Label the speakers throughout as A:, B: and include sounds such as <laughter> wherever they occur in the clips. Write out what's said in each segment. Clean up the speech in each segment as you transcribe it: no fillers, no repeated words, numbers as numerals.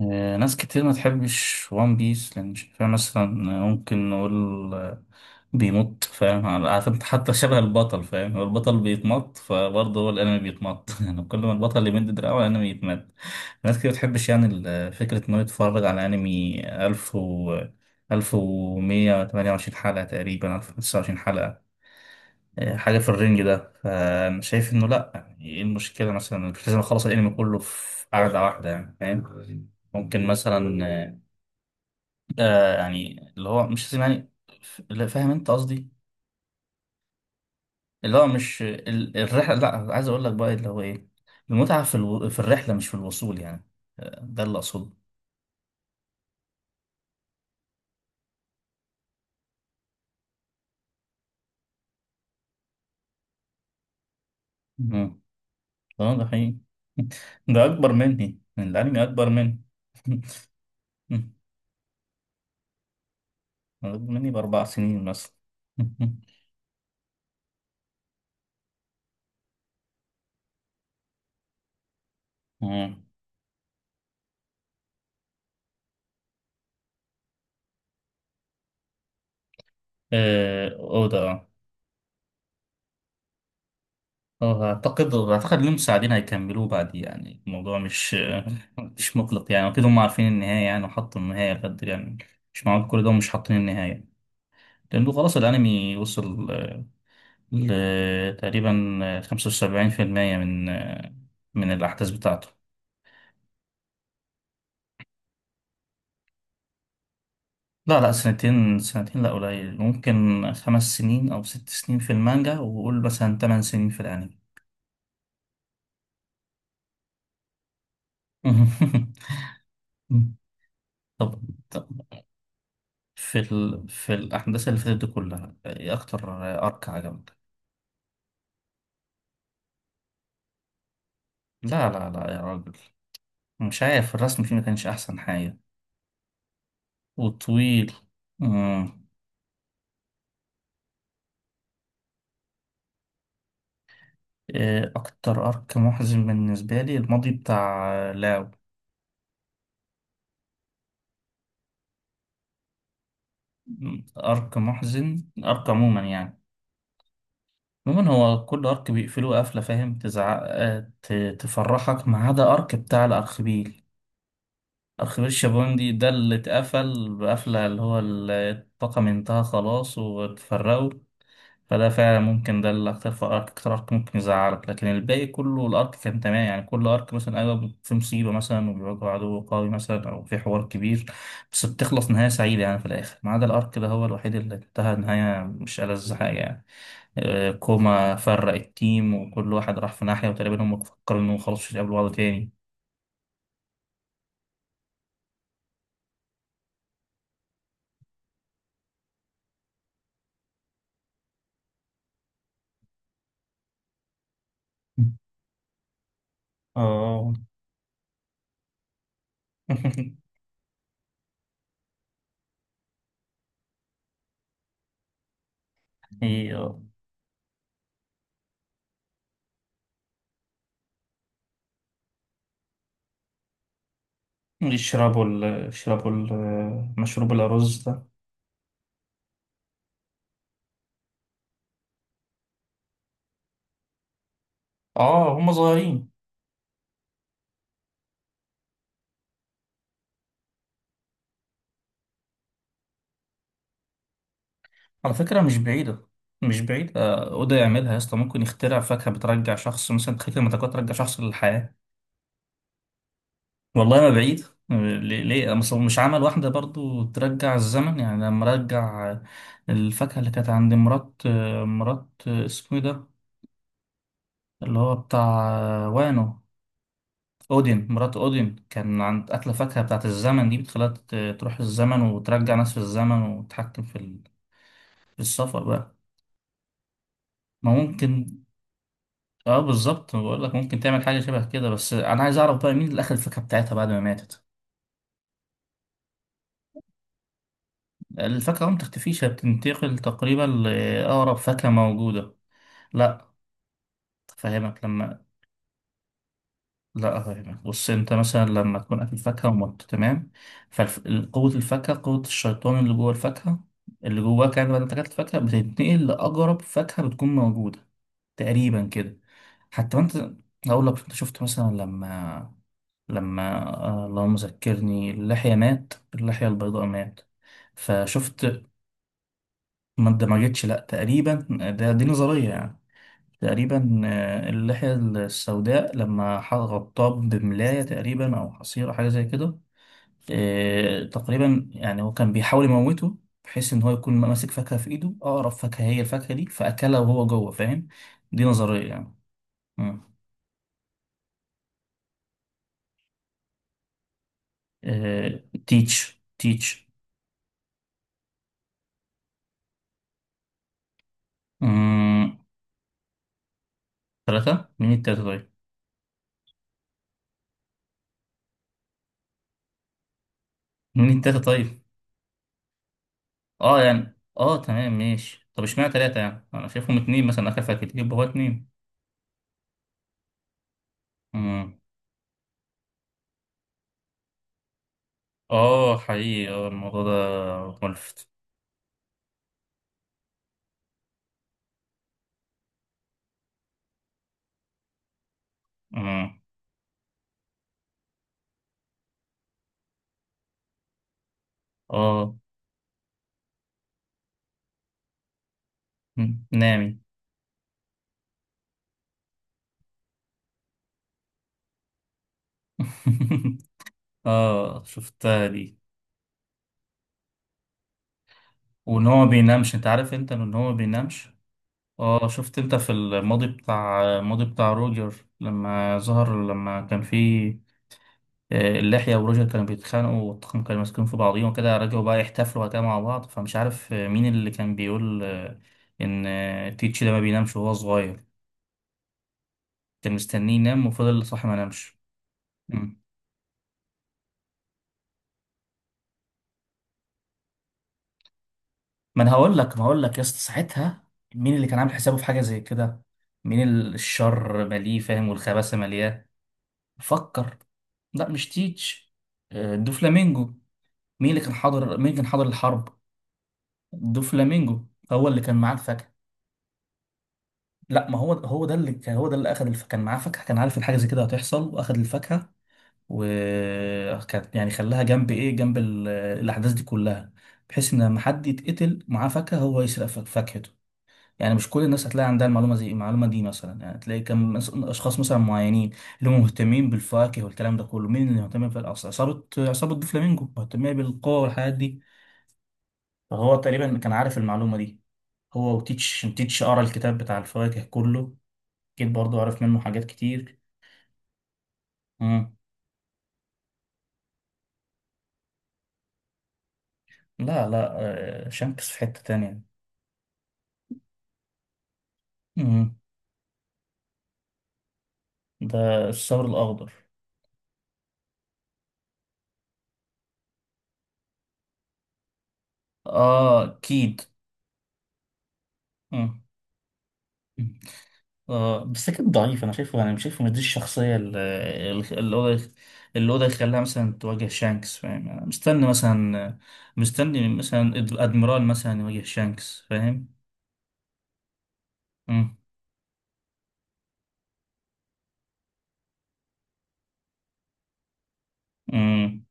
A: ناس كتير ما تحبش وان بيس لان شايفاه، مثلا ممكن نقول، آه، بيمط، فاهم عارف انت؟ حتى شبه البطل، فاهم؟ هو البطل بيتمط فبرضه هو الانمي بيتمط. <laughs> يعني كل ما البطل يمد دراعه الانمي يتمد. ناس كتير ما بتحبش يعني فكرة انه يتفرج على انمي 1128 حلقة تقريبا، 1025 حلقة، حاجة في الرينج ده. فأنا شايف إنه لأ، يعني إيه المشكلة مثلا؟ مش لازم أخلص الأنمي كله في قعدة واحدة، يعني فاهم. ممكن مثلا، يعني اللي هو مش لازم، يعني لا، فاهم أنت قصدي. اللي هو مش الرحلة، لأ، عايز أقول لك بقى اللي هو إيه، المتعة في الرحلة مش في الوصول، يعني. ده اللي أقصده. مم. ده حقيقي. <laughs> ده أكبر مني، الأنمي أكبر مني. <laughs> أكبر مني ب4 سنين مثلا. <laughs> أوضة، اه. اه، أعتقد لهم مساعدين هيكملوه بعد، يعني الموضوع مش، <laughs> مش مقلق، يعني أكيد هم عارفين النهاية، يعني وحطوا النهاية بجد، يعني مش معقول كل ده ومش حاطين النهاية. لأنه خلاص الأنمي وصل، ل تقريبا 75% من من الأحداث بتاعته. لا لا، سنتين سنتين لا، قليل. ممكن 5 سنين أو 6 سنين في المانجا، وقول مثلا 8 سنين في الأنمي. <laughs> طب في الأحداث اللي فاتت دي كلها، إيه أكتر أرك عجبك؟ لا لا لا يا راجل، مش عارف، الرسم فيه ما كانش أحسن حاجة، وطويل. مم. إيه أكتر أرك محزن بالنسبة لي؟ الماضي بتاع لاو. مم. أرك محزن؟ أرك عموما يعني. عموما هو كل أرك بيقفلوه قفلة، فاهم؟ تزعق، تفرحك، ما عدا أرك بتاع الأرخبيل. أرخبيل شابوندي ده اللي اتقفل بقفلة، اللي هو الطاقم انتهى خلاص واتفرقوا. فده فعلا ممكن ده اللي اكتر في ارك، اكتر ارك ممكن يزعلك. لكن الباقي كله الارك كان تمام يعني. كل ارك مثلا، ايوه، في مصيبه مثلا، وبيواجهوا عدو قوي مثلا، او في حوار كبير، بس بتخلص نهايه سعيده يعني في الاخر. ما عدا الارك ده هو الوحيد اللي انتهى نهايه مش ألذ حاجه يعني. كوما فرق التيم، وكل واحد راح في ناحيه، وتقريبا هم فكروا انهم خلاص مش هيقابلوا بعض تاني. اه. <laughs> إيه، آه. يشربوا مشروب الأرز ده. اه، هم صغيرين. على فكرة مش بعيدة، مش بعيدة. أودا يعملها يا اسطى، ممكن يخترع فاكهة بترجع شخص، مثلا تخيل المتكات ترجع شخص للحياة. والله ما بعيد. ليه ليه؟ أصل هو مش عمل واحدة برضو ترجع الزمن، يعني لما رجع، الفاكهة اللي كانت عند مرات، اسمه إيه ده، اللي هو بتاع، وانو. أودين، مرات أودين كان عند أكلة فاكهة بتاعت الزمن، دي بتخليها ت-، تروح الزمن وترجع ناس في الزمن، وتتحكم في السفر بقى. ما ممكن، اه، بالظبط، بقول لك ممكن تعمل حاجه شبه كده، بس انا عايز اعرف بقى مين اللي اخذ الفاكهه بتاعتها بعد ما ماتت. الفاكهه ما بتختفيش، هي بتنتقل تقريبا لاقرب فاكهه موجوده. لا افهمك لما لا افهمك. بص انت مثلا لما تكون اكل فاكهه، ومت، تمام؟ فقوه الفاكهه، قوه الشيطان اللي جوه الفاكهه، اللي جواك يعني، بعد ما أنت اكلت الفاكهه بتتنقل لاقرب فاكهه بتكون موجوده، تقريبا كده. حتى وانت، هقول لك، انت شفت مثلا لما، اللهم ذكرني، اللحية مات، اللحية البيضاء مات، فشفت، ما اندمجتش لا تقريبا، دي نظرية يعني. تقريبا، اللحية السوداء لما غطاه بملاية تقريبا، أو حصيرة، حاجة زي كده. تقريبا يعني هو كان بيحاول يموته، بحيث إن هو يكون ماسك فاكهة في إيده. أقرب فاكهة هي الفاكهة دي فأكلها وهو جوه، فاهم. دي نظرية يعني. مم. تيتش، تيتش. مم. ثلاثة مين التالتة طيب؟ منين تلاتة طيب؟ اه يعني، اه تمام ماشي، طب اشمعنى تلاتة يعني؟ أنا شايفهم اتنين، مثلا أكل فاكهة يبقى هو اتنين. مم. اه حقيقي، اه الموضوع ده ملفت. مم. اه. مم. نامي. <laughs> اه، شفتها دي. وان هو ما بينامش، انت عارف انت ان هو ما بينامش. اه، شفت انت في الماضي، بتاع الماضي بتاع روجر، لما كان فيه، اللحية وروجر كانوا بيتخانقوا، والطاقم كانوا ماسكين في بعضيهم وكده، رجعوا بقى يحتفلوا وكده مع بعض، فمش عارف مين اللي كان بيقول آه، إن آه، تيتش ده ما بينامش وهو صغير، كان مستنيه ينام وفضل صاحي ما نامش. مم. ما هقول لك يا اسطى ساعتها، مين اللي كان عامل حسابه في حاجة زي كده؟ مين الشر مليه، فاهم، والخباثة ملياه؟ فكر. لا مش تيتش، دوفلامينجو. مين كان حاضر الحرب؟ دوفلامينجو هو اللي كان معاه الفاكهة. لا، ما هو هو ده اللي كان هو ده اللي اخذ كان معاه فاكهه، كان عارف ان حاجه زي كده هتحصل، واخذ الفاكهه، وكانت يعني خلاها جنب، ايه، جنب الاحداث دي كلها، بحيث ان لما حد يتقتل معاه فاكهه هو يسرق فاكهته. يعني مش كل الناس هتلاقي عندها المعلومه زي المعلومه دي، مثلا يعني تلاقي كم اشخاص مثلا معينين اللي هم مهتمين بالفواكه والكلام ده كله. مين اللي مهتم عصابه بفلامينجو، مهتميه بالقوه والحاجات دي. فهو تقريبا كان عارف المعلومه دي، هو وتيتش، تيتش قرا الكتاب بتاع الفواكه كله، أكيد برضو عارف منه حاجات كتير. مم. لا لا، شانكس في حتة تانية. مم. ده الثور الأخضر. آه أكيد. مم. مم. بس أكيد ضعيف، أنا شايفه يعني، مش شايفه مش دي الشخصية اللي هو ده يخليها مثلا تواجه شانكس، فاهم. أنا مستني مثلا مستني مثلا الأدميرال مثلا يواجه شانكس، فاهم. مم. مم.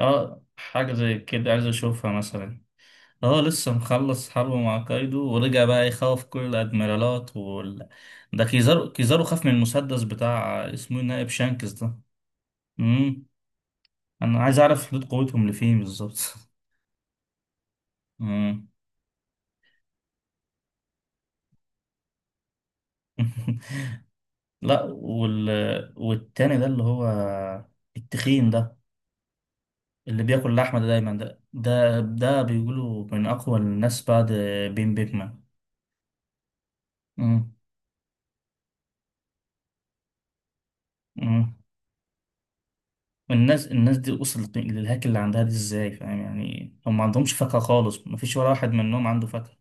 A: حاجة زي كده عايز أشوفها مثلا. اه، لسه مخلص حرب مع كايدو، ورجع بقى يخوف كل الادميرالات ده كيزارو، كيزارو خاف من المسدس بتاع، اسمه إيه، نائب شانكس ده. امم. انا عايز اعرف حدود قوتهم لفين بالظبط. امم. <laughs> لا، والتاني ده اللي هو، التخين ده، اللي بياكل لحمه ده دايما، ده بيقولوا من اقوى الناس بعد بين بيكمان. امم الناس دي وصلت للهاك اللي عندها دي ازاي، فاهم يعني؟ هم ما عندهمش فاكهة خالص، ما فيش ولا واحد منهم عنده فاكهة.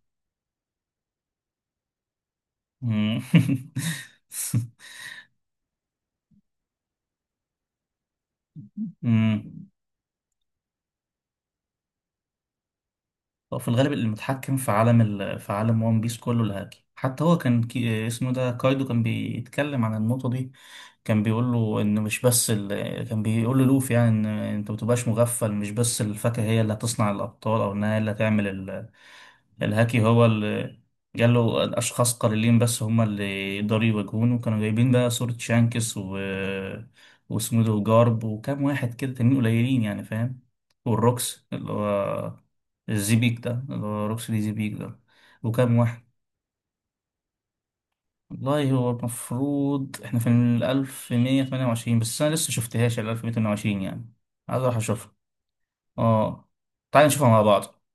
A: مم. <laughs> مم. هو في الغالب المتحكم في عالم في عالم وان بيس كله الهاكي. حتى هو كان اسمه ده كايدو كان بيتكلم عن النقطة دي، كان بيقول له ان مش بس كان بيقول للوفي يعني، ان انت ما تبقاش مغفل، مش بس الفاكهة هي اللي هتصنع الابطال، او انها هي اللي هتعمل الهاكي هو اللي، قال له الاشخاص قليلين بس هم اللي يقدروا يواجهونه، كانوا جايبين بقى صورة شانكس واسمه ده، وجارب، وكام واحد كده تانيين قليلين، يعني فاهم. والروكس اللي هو الزبيك ده، اللي هو روكسي زبيك ده، وكام واحد. والله هو المفروض احنا في ال1128، بس أنا لسه مشفتهاش ال1128 يعني. عايز أروح أشوفها. اه. تعالى نشوفها مع بعض.